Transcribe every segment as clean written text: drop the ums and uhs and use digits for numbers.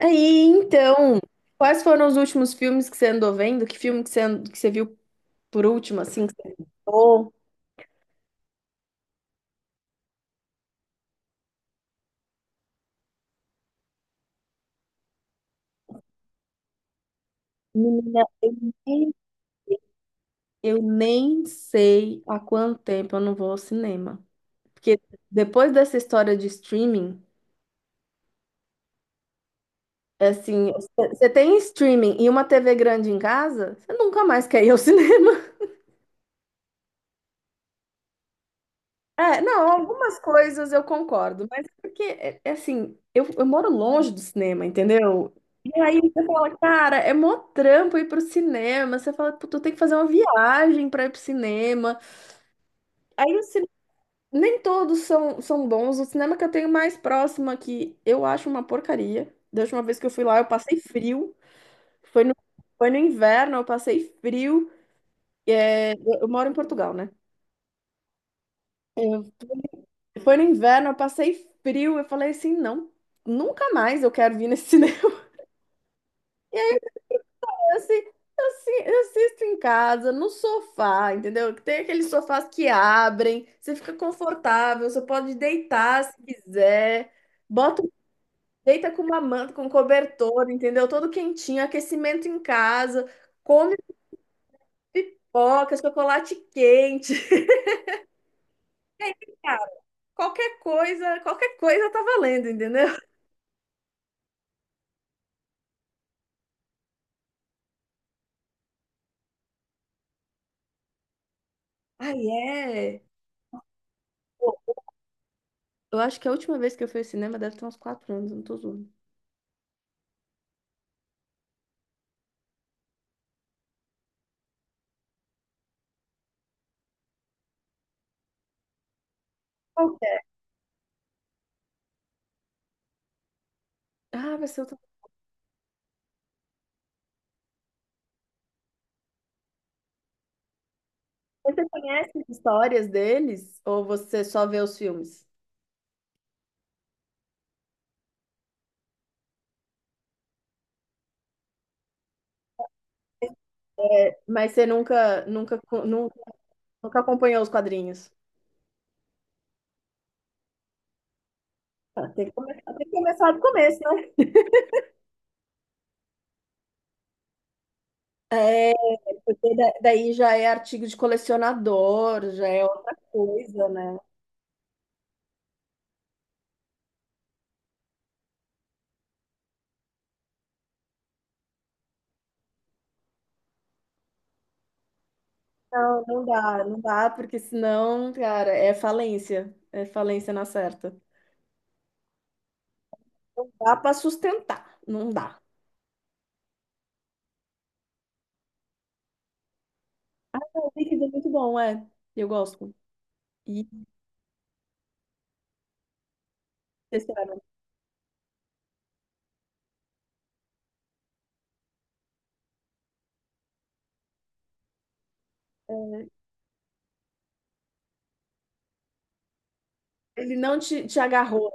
Aí, então, quais foram os últimos filmes que você andou vendo? Que filme que você, que você viu por último, assim, que você gostou? Menina, nem, eu nem sei há quanto tempo eu não vou ao cinema. Porque depois dessa história de streaming, é assim, você tem streaming e uma TV grande em casa, você nunca mais quer ir ao cinema. É, não, algumas coisas eu concordo, mas é porque, é assim, eu moro longe do cinema, entendeu? E aí você fala, cara, é mó trampo ir pro cinema. Você fala, tu tem que fazer uma viagem pra ir pro cinema. Aí o cine- Nem todos são bons. O cinema que eu tenho mais próximo aqui, eu acho uma porcaria. Da última vez que eu fui lá, eu passei frio. Foi no, foi no inverno, eu passei frio. É, eu moro em Portugal, né? Foi no inverno, eu passei frio. Eu falei assim, não, nunca mais eu quero vir nesse cinema. Eu, assi- eu assisto em casa, no sofá, entendeu? Tem aqueles sofás que abrem, você fica confortável, você pode deitar se quiser. Bota, deita com uma manta, com um cobertor, entendeu? Todo quentinho, aquecimento em casa, come pipoca, chocolate quente. Qualquer coisa tá valendo, entendeu? Ai, é. Eu acho que a última vez que eu fui ao cinema deve ter uns quatro anos, não tô zoando. Qual que é? Ah, vai ser outra. Você conhece as histórias deles ou você só vê os filmes? Mas você nunca acompanhou os quadrinhos? Ah, tem que começar, do começo, né? É, porque daí já é artigo de colecionador, já é outra coisa, né? Não, não dá, porque senão, cara, é falência. É falência na certa. Não dá pra sustentar, não dá. O Wicked é muito bom, é. Eu gosto. E sinceramente, ele não te agarrou.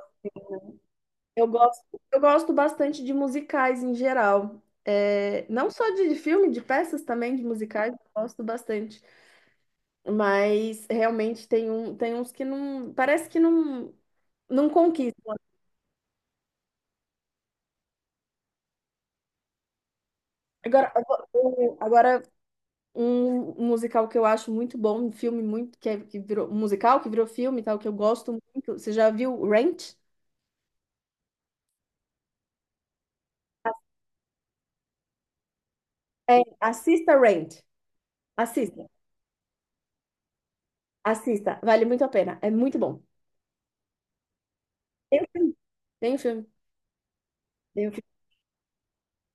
Eu gosto, eu gosto bastante de musicais em geral. É, não só de filme, de peças também, de musicais, eu gosto bastante. Mas realmente tem, um, tem uns que não. Parece que não, não conquista. Agora, agora um musical que eu acho muito bom, um filme muito, que, que virou um musical, que virou filme e tal, que eu gosto muito. Você já viu Rent? É, assista Rent. Assista, Assista, vale muito a pena. É muito bom. Tem um filme. Tem um filme-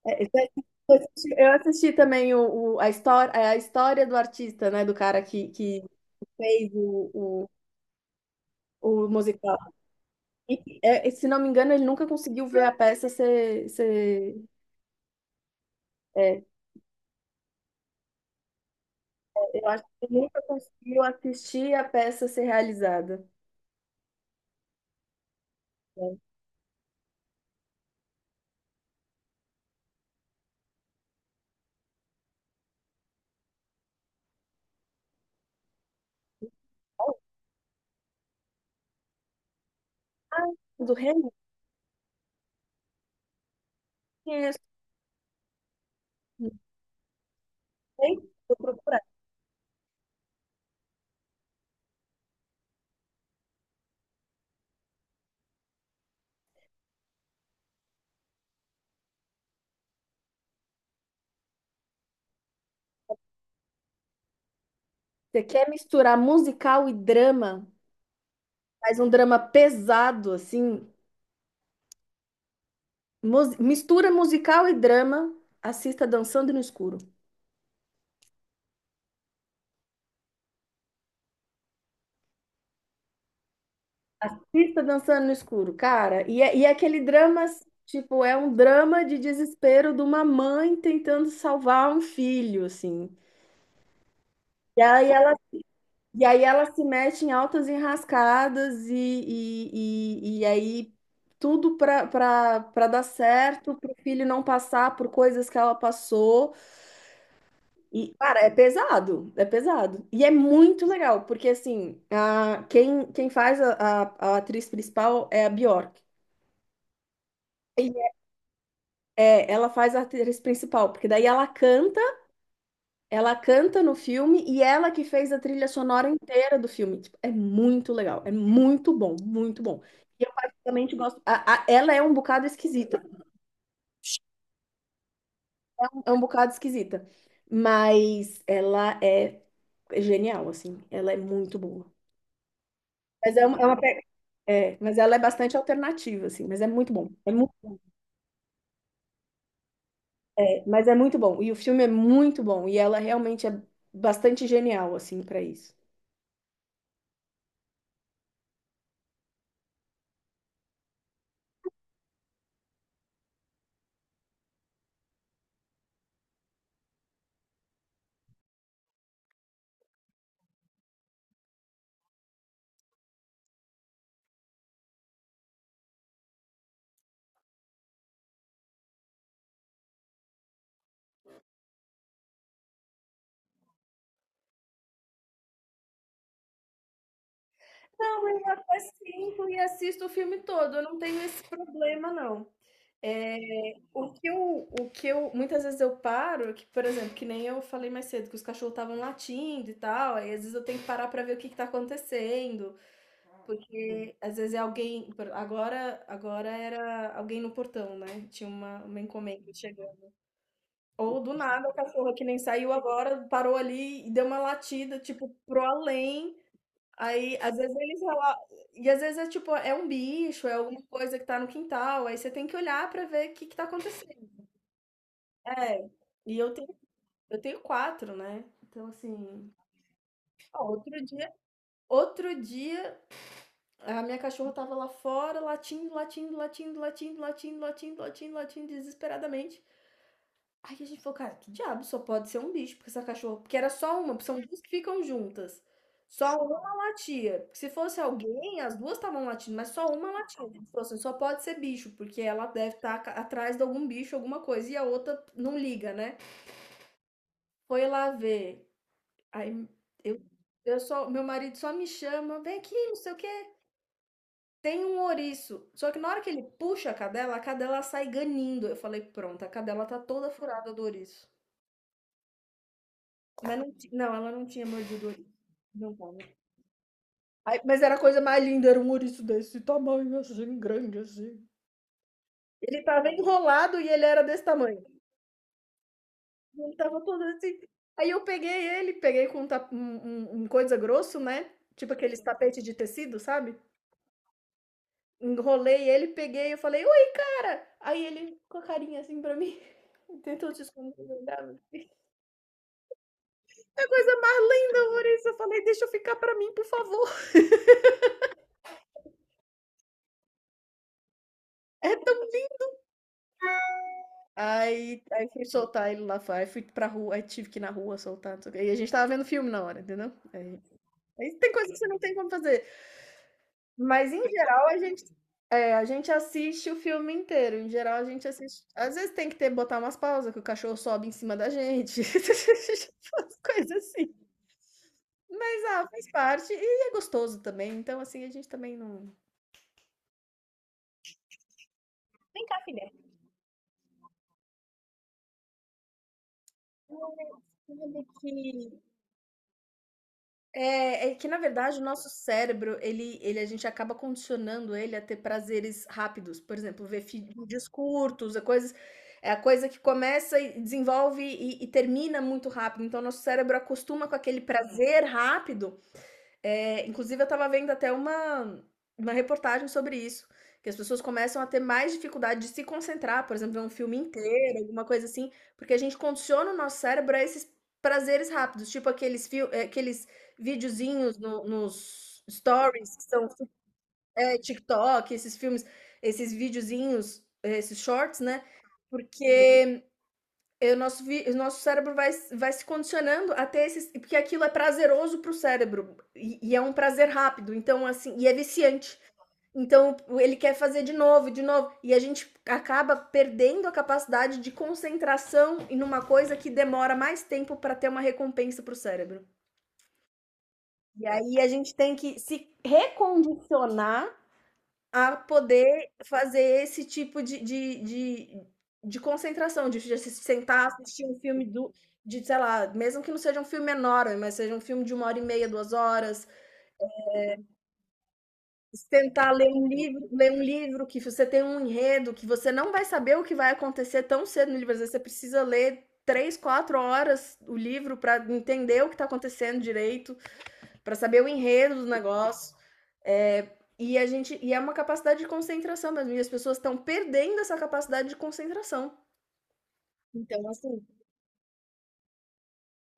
É, isso aí. Eu assisti também a história, é, a história do artista, né? Do cara que fez o musical. E, é, se não me engano, ele nunca conseguiu ver a peça ser, é, eu acho que ele nunca conseguiu assistir a peça ser realizada. Né? Ah, do Hamilton, conheço. Não sei, vou procurar. Você quer misturar musical e drama? Faz um drama pesado, assim, mistura musical e drama. Assista Dançando no Escuro. Assista Dançando no Escuro, cara. E é aquele drama, tipo, é um drama de desespero de uma mãe tentando salvar um filho, assim. E aí ela, e aí ela se mete em altas enrascadas e aí tudo para dar certo, para o filho não passar por coisas que ela passou. E, cara, é pesado, é pesado. E é muito legal, porque assim, quem faz a atriz principal é a Bjork. E, é, ela faz a atriz principal, porque daí ela canta no filme e ela que fez a trilha sonora inteira do filme. Tipo, é muito legal, é muito bom, muito bom. E eu particularmente gosto. Ela é um bocado esquisita, é um bocado esquisita, mas ela é genial, assim, ela é muito boa. Mas é uma É, mas ela é bastante alternativa, assim, mas é muito bom. É, mas é muito bom. E o filme é muito bom. E ela realmente é bastante genial, assim, para isso. Não, eu até sinto e assisto o filme todo. Eu não tenho esse problema, não. É, muitas vezes eu paro, que, por exemplo, que nem eu falei mais cedo, que os cachorros estavam latindo e tal, aí às vezes eu tenho que parar pra ver o que que tá acontecendo. Porque às vezes é alguém. Agora, agora era alguém no portão, né? Tinha uma encomenda chegando. Ou do nada, a cachorra que nem saiu agora parou ali e deu uma latida, tipo, pro além. Aí, às vezes eles rela- E às vezes é tipo, é um bicho, é alguma coisa que tá no quintal. Aí você tem que olhar pra ver o que que tá acontecendo. É. E eu tenho, eu tenho quatro, né? Então, assim. Ó, outro dia. Outro dia A minha cachorra tava lá fora, latindo, desesperadamente. Aí a gente falou, cara, que diabo, só pode ser um bicho, porque essa cachorra. Porque era só uma, são duas que ficam juntas. Só uma latia. Porque se fosse alguém, as duas estavam latindo, mas só uma latia. A gente falou assim, só pode ser bicho, porque ela deve estar atrás de algum bicho, alguma coisa, e a outra não liga, né? Foi lá ver. Aí eu, eu só, meu marido só me chama, vem aqui, não sei o quê. Tem um ouriço, só que na hora que ele puxa a cadela sai ganindo. Eu falei, pronto, a cadela tá toda furada do ouriço. Mas não, não, ela não tinha mordido o ouriço. Não tava. Ai, mas era a coisa mais linda, era um ouriço desse tamanho, assim, grande, assim. Ele tava enrolado e ele era desse tamanho. Ele tava todo assim. Aí eu peguei ele, peguei com um coisa grosso, né? Tipo aqueles tapetes de tecido, sabe? Enrolei ele, peguei, eu falei: "Oi, cara!" Aí ele com a carinha assim pra mim, tentou se esconder, olhava. Que coisa mais linda, Maurício. Eu falei: "Deixa eu ficar pra mim, por favor". É tão aí fui soltar ele lá fora, aí fui pra rua, aí tive que ir na rua soltar, não sei o quê. E a gente tava vendo filme na hora, entendeu? Aí tem coisa que você não tem como fazer. Mas em geral a gente é, a gente assiste o filme inteiro, em geral a gente assiste às vezes tem que ter botar umas pausas, que o cachorro sobe em cima da gente, umas coisas assim. Mas, ah, faz parte e é gostoso também, então, assim, a gente também não. Vem cá, filha. Sabe que é que na verdade o nosso cérebro, ele a gente acaba condicionando ele a ter prazeres rápidos, por exemplo, ver fi vídeos curtos, é coisas é a coisa que começa e desenvolve e termina muito rápido, então nosso cérebro acostuma com aquele prazer rápido. É, inclusive, eu estava vendo até uma reportagem sobre isso, que as pessoas começam a ter mais dificuldade de se concentrar, por exemplo, ver um filme inteiro, alguma coisa assim, porque a gente condiciona o nosso cérebro a esses prazeres rápidos, tipo aqueles, aqueles videozinhos nos stories, que são é, TikTok, esses filmes, esses videozinhos, esses shorts, né? Porque o nosso cérebro vai, vai se condicionando a ter esses. Porque aquilo é prazeroso pro cérebro. E é um prazer rápido. Então, assim, e é viciante. Então, ele quer fazer de novo, de novo. E a gente acaba perdendo a capacidade de concentração em uma coisa que demora mais tempo para ter uma recompensa pro cérebro. E aí a gente tem que se recondicionar a poder fazer esse tipo de de concentração, de se sentar, assistir um filme do de, sei lá, mesmo que não seja um filme enorme, mas seja um filme de uma hora e meia, 2 horas, tentar ler um livro que você tem um enredo, que você não vai saber o que vai acontecer tão cedo no livro, às vezes você precisa ler 3 4 horas o livro para entender o que está acontecendo direito para saber o enredo do negócio. É, e a gente e é uma capacidade de concentração mesmo. E as pessoas estão perdendo essa capacidade de concentração. Então, assim,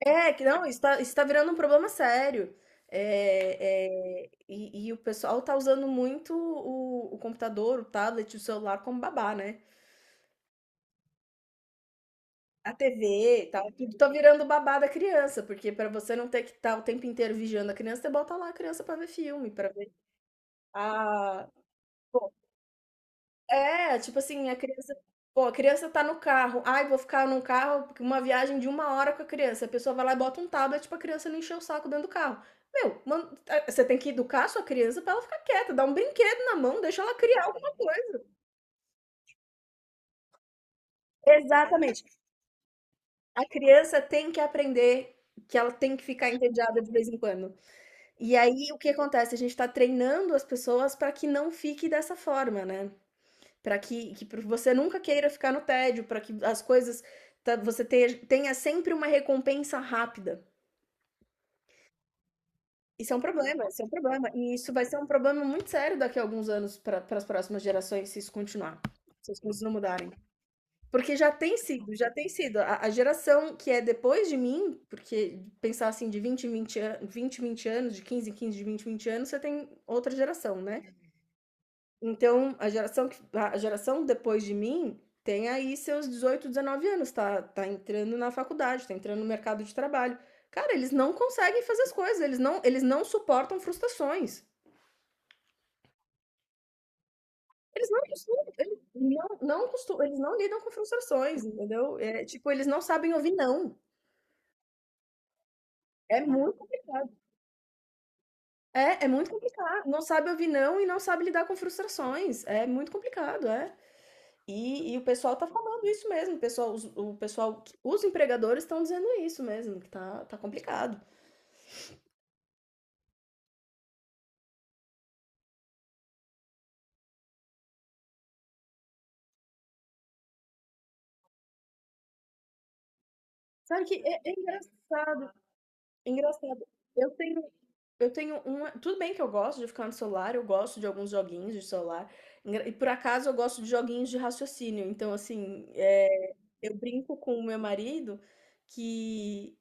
é, que não, está virando um problema sério. É, é, e o pessoal tá usando muito o computador, o tablet, o celular como babá, né? A TV e tal, tudo tá virando babá da criança, porque para você não ter que estar o tempo inteiro vigiando a criança, você bota lá a criança para ver filme, para ver a É, tipo assim, a criança pô, a criança tá no carro. "Ai, vou ficar num carro uma viagem de uma hora com a criança." A pessoa vai lá e bota um tablet pra criança não encher o saco dentro do carro. Meu, você tem que educar a sua criança pra ela ficar quieta, dá um brinquedo na mão, deixa ela criar alguma coisa. Exatamente. A criança tem que aprender que ela tem que ficar entediada de vez em quando. E aí, o que acontece? A gente tá treinando as pessoas pra que não fique dessa forma, né. para que que pra você nunca queira ficar no tédio, para que as coisas ta você te tenha sempre uma recompensa rápida. Isso é um problema, isso é um problema. E isso vai ser um problema muito sério daqui a alguns anos pra para as próximas gerações se isso continuar, se as coisas não mudarem. Porque já tem sido, já tem sido. A geração que é depois de mim, porque pensar assim de 20 em 20 an 20 em 20 anos, de 15 em 15 de 20 em 20 anos, você tem outra geração, né. Então, a geração que a geração depois de mim tem aí seus 18 19 anos, tá entrando na faculdade, tá entrando no mercado de trabalho. Cara, eles não conseguem fazer as coisas, eles não suportam frustrações. Eles não costumam- eles não não costu eles não lidam com frustrações, entendeu? É, tipo, eles não sabem ouvir "não". É muito complicado. É, é muito complicado. Não sabe ouvir "não" e não sabe lidar com frustrações. É muito complicado, é. E o pessoal tá falando isso mesmo, o pessoal, os empregadores estão dizendo isso mesmo, que tá complicado. Sabe que é engraçado, engraçado. Eu tenho Eu tenho uma tudo bem que eu gosto de ficar no celular, eu gosto de alguns joguinhos de celular, engra e por acaso eu gosto de joguinhos de raciocínio, então assim, eu brinco com o meu marido que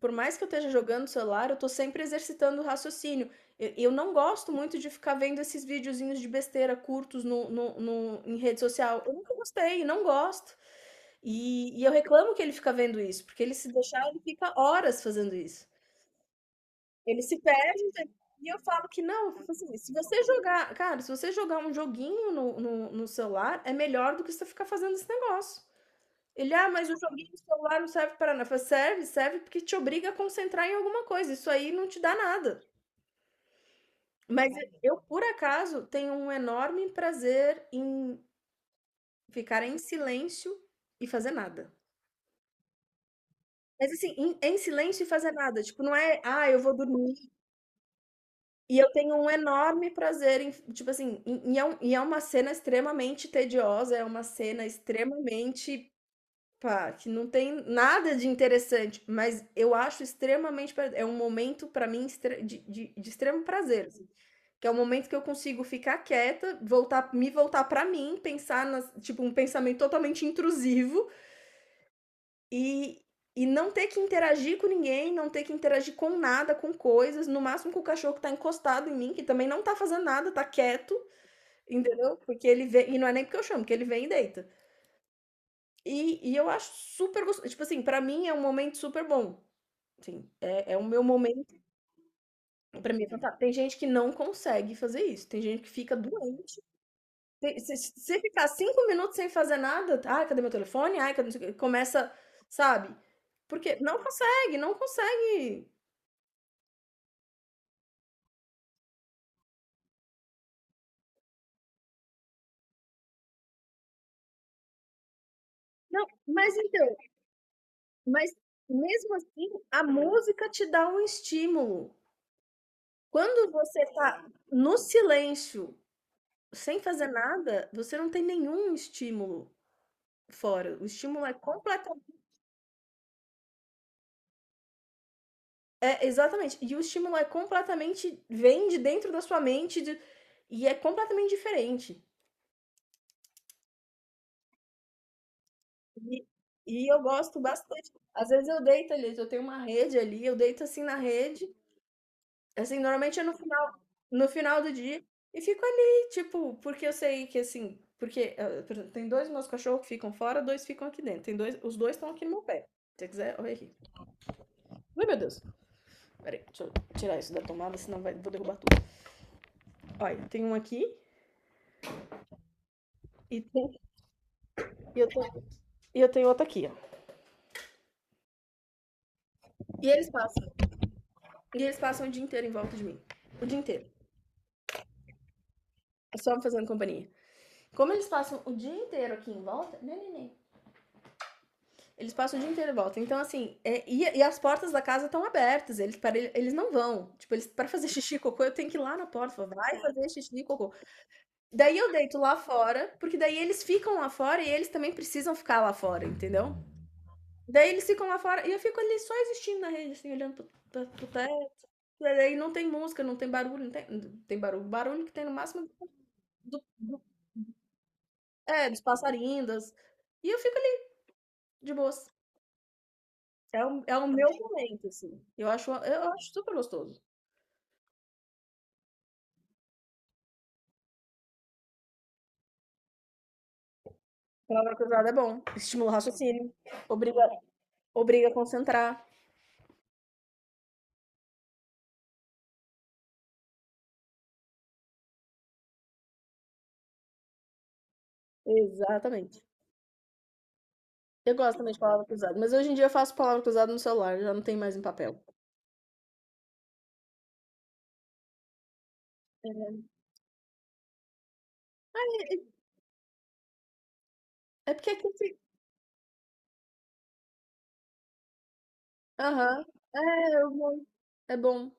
por mais que eu esteja jogando no celular, eu tô sempre exercitando o raciocínio. E eu não gosto muito de ficar vendo esses videozinhos de besteira curtos no no no em rede social. Eu nunca gostei, não gosto. E eu reclamo que ele fica vendo isso, porque ele se deixar, ele fica horas fazendo isso. Ele se perdem também e eu falo que não, tipo assim, se você jogar, cara, se você jogar um joguinho no celular, é melhor do que você ficar fazendo esse negócio. Ele, ah, mas o joguinho do celular não serve para nada. Eu falo, serve, serve porque te obriga a concentrar em alguma coisa. Isso aí não te dá nada. Mas eu, por acaso, tenho um enorme prazer em ficar em silêncio e fazer nada. Mas assim, em silêncio e fazer nada. Tipo, não é, ah, eu vou dormir. E eu tenho um enorme prazer em tipo assim, e é uma cena extremamente tediosa, é uma cena extremamente, pá, que não tem nada de interessante, mas eu acho extremamente pra é um momento pra mim extre de extremo prazer, assim, que é o momento que eu consigo ficar quieta, voltar me voltar pra mim, pensar nas tipo, um pensamento totalmente intrusivo, e e não ter que interagir com ninguém, não ter que interagir com nada, com coisas, no máximo com o cachorro que tá encostado em mim, que também não tá fazendo nada, tá quieto, entendeu? Porque ele vem, e não é nem porque eu chamo, porque ele vem e deita. E eu acho super gostoso, tipo assim, pra mim é um momento super bom. Sim, é, é o meu momento, pra mim é fantástico. Tem gente que não consegue fazer isso, tem gente que fica doente. Se ficar 5 minutos sem fazer nada, "ai, cadê meu telefone? Ai, cadê, não sei o quê?" começa, sabe? Porque não consegue, não consegue. Não, mas então, mas mesmo assim, a música te dá um estímulo. Quando você tá no silêncio, sem fazer nada, você não tem nenhum estímulo fora. O estímulo é completamente. É, exatamente. E o estímulo é completamente. Vem de dentro da sua mente e é completamente diferente. E, e eu gosto bastante. Às vezes eu deito ali, eu tenho uma rede ali, eu deito assim na rede. Assim, normalmente é no final do dia e fico ali, tipo, porque eu sei que assim, porque, por exemplo, tem 2 meus cachorros que ficam fora, 2 ficam aqui dentro. Tem 2 Os 2 estão aqui no meu pé. Se você quiser, olha aqui. Ai, meu Deus. Espera, deixa eu tirar isso da tomada, senão vai vou derrubar tudo. Olha, tem um aqui e tem e eu tenho e eu tenho outro aqui, ó. E eles passam e eles passam o dia inteiro em volta de mim, o dia inteiro. É só me fazendo companhia. Como eles passam o dia inteiro aqui em volta, neném. Eles passam o dia inteiro e voltam. Então, assim, e as portas da casa estão abertas. Eles, para, eles não vão. Tipo, eles, para fazer xixi e cocô, eu tenho que ir lá na porta. Falar, vai fazer xixi e cocô. Daí eu deito lá fora, porque daí eles ficam lá fora e eles também precisam ficar lá fora, entendeu? Daí eles ficam lá fora e eu fico ali só existindo na rede, assim, olhando pro teto. Daí não tem música, não tem barulho, não tem, tem barulho. Barulho que tem no máximo do, do- dos passarinhos. E eu fico ali de boas. É o meu momento, assim. Eu acho super gostoso. Palavra cruzada é bom. Estimula o raciocínio. Obriga, obriga a concentrar. Exatamente. Eu gosto também de palavra cruzada, mas hoje em dia eu faço palavra cruzada no celular, já não tem mais em papel. É é porque aqui. Aham. É, eu é bom.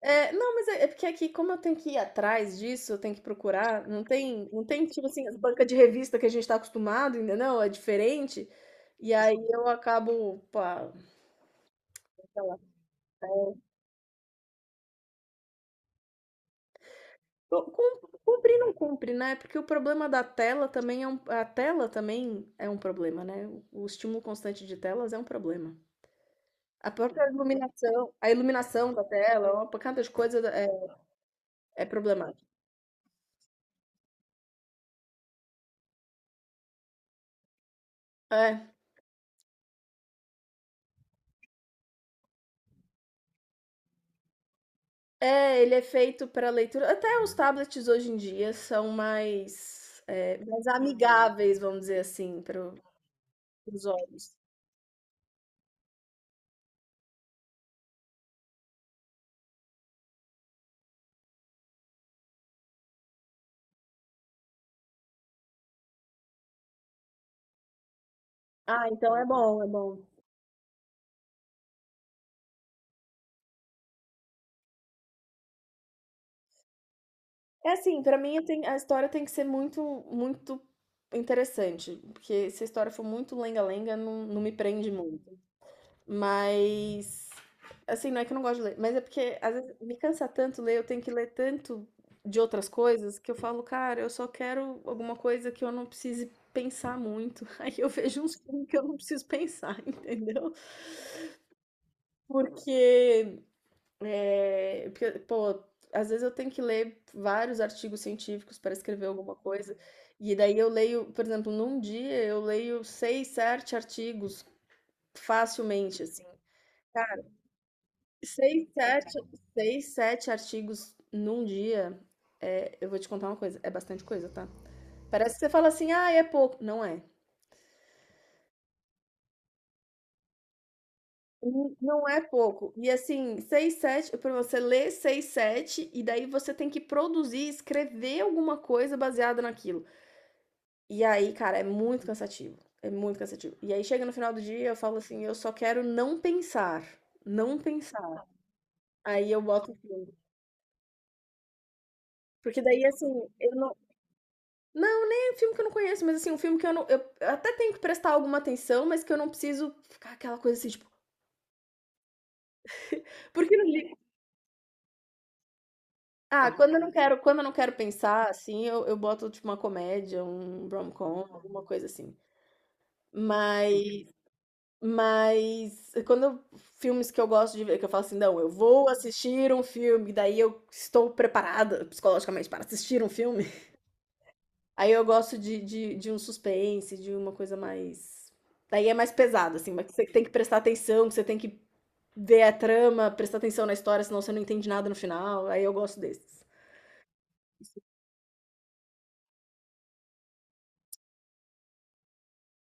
É, não, mas é, é porque aqui, como eu tenho que ir atrás disso, eu tenho que procurar, não tem, não tem, tipo assim, as bancas de revista que a gente tá acostumado, entendeu? É diferente. E aí eu acabo, pá, sei lá. é, Cumprir não cumpre, né? Porque o problema da tela também é um, a tela também é um problema, né? O estímulo constante de telas é um problema. A própria iluminação, a iluminação da tela, uma pancada de coisa é, é problemática. É, ele é feito para leitura. Até os tablets hoje em dia são mais amigáveis, vamos dizer assim, para os olhos. Ah, então é bom, é bom. É assim, pra mim a história tem que ser muito, muito interessante, porque se a história for muito lenga-lenga, não, não me prende muito. Mas, assim, não é que eu não gosto de ler, mas é porque às vezes me cansa tanto ler, eu tenho que ler tanto de outras coisas que eu falo, cara, eu só quero alguma coisa que eu não precise pensar muito. Aí eu vejo uns filmes que eu não preciso pensar, entendeu? Porque pô, às vezes eu tenho que ler vários artigos científicos para escrever alguma coisa, e daí eu leio, por exemplo, num dia eu leio seis, sete artigos facilmente, assim. Seis, sete, seis, sete artigos num dia, é, eu vou te contar uma coisa, é bastante coisa, tá? Parece que você fala assim, ah, é pouco. Não é. Não é pouco. E assim, seis, sete, para você ler seis, sete, e daí você tem que produzir, escrever alguma coisa baseada naquilo. E aí, cara, é muito cansativo. É muito cansativo. E aí chega no final do dia, eu falo assim, eu só quero não pensar. Não pensar. Aí eu boto o filme. Porque daí, assim, eu não. Não, nem é um filme que eu não conheço, mas assim, um filme que eu não. Eu até tenho que prestar alguma atenção, mas que eu não preciso ficar aquela coisa assim, tipo. Porque no li- Ah, quando eu não quero, quando eu não quero pensar, assim, eu boto, tipo, uma comédia, um rom-com, alguma coisa assim. Mas Mas quando eu filmes que eu gosto de ver, que eu falo assim: "Não, eu vou assistir um filme", daí eu estou preparada psicologicamente para assistir um filme. Aí eu gosto de um suspense, de uma coisa mais daí é mais pesado, assim, mas que você tem que prestar atenção, que você tem que ver a trama, prestar atenção na história, senão você não entende nada no final, aí eu gosto desses.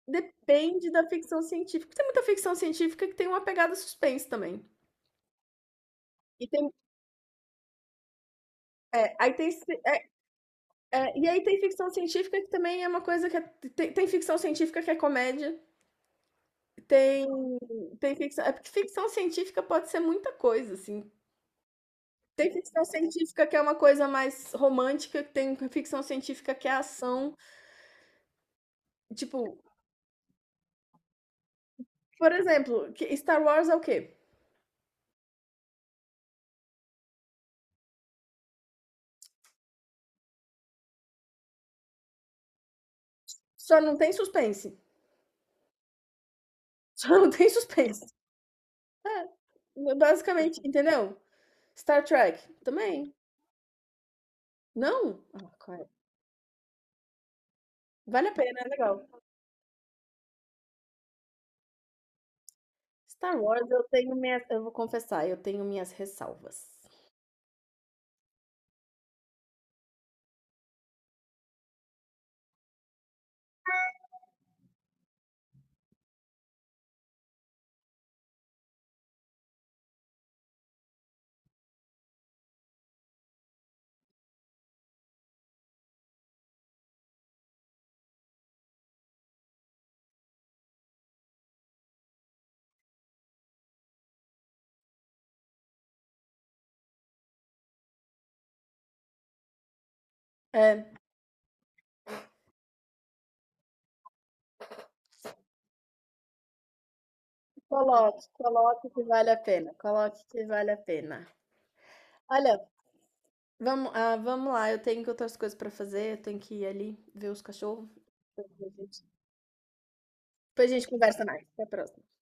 Depende da ficção científica, tem muita ficção científica que tem uma pegada suspense também. E tem é, aí tem e aí tem ficção científica que também é uma coisa que é, tem ficção científica que é comédia, tem é porque ficção científica pode ser muita coisa, assim. Tem ficção científica que é uma coisa mais romântica, que tem ficção científica que é ação, tipo, por exemplo, Star Wars é o quê? Só não tem suspense. Só não tem suspense. É, basicamente, entendeu? Star Trek também. Não? Ah, cara, vale a pena, é legal. Star Wars eu tenho minhas, eu vou confessar, eu tenho minhas ressalvas. É, coloque, coloque que vale a pena, coloque que vale a pena. Olha, vamos, ah, vamos lá, eu tenho outras coisas para fazer, eu tenho que ir ali ver os cachorros. Depois a gente depois a gente conversa mais. Até a próxima.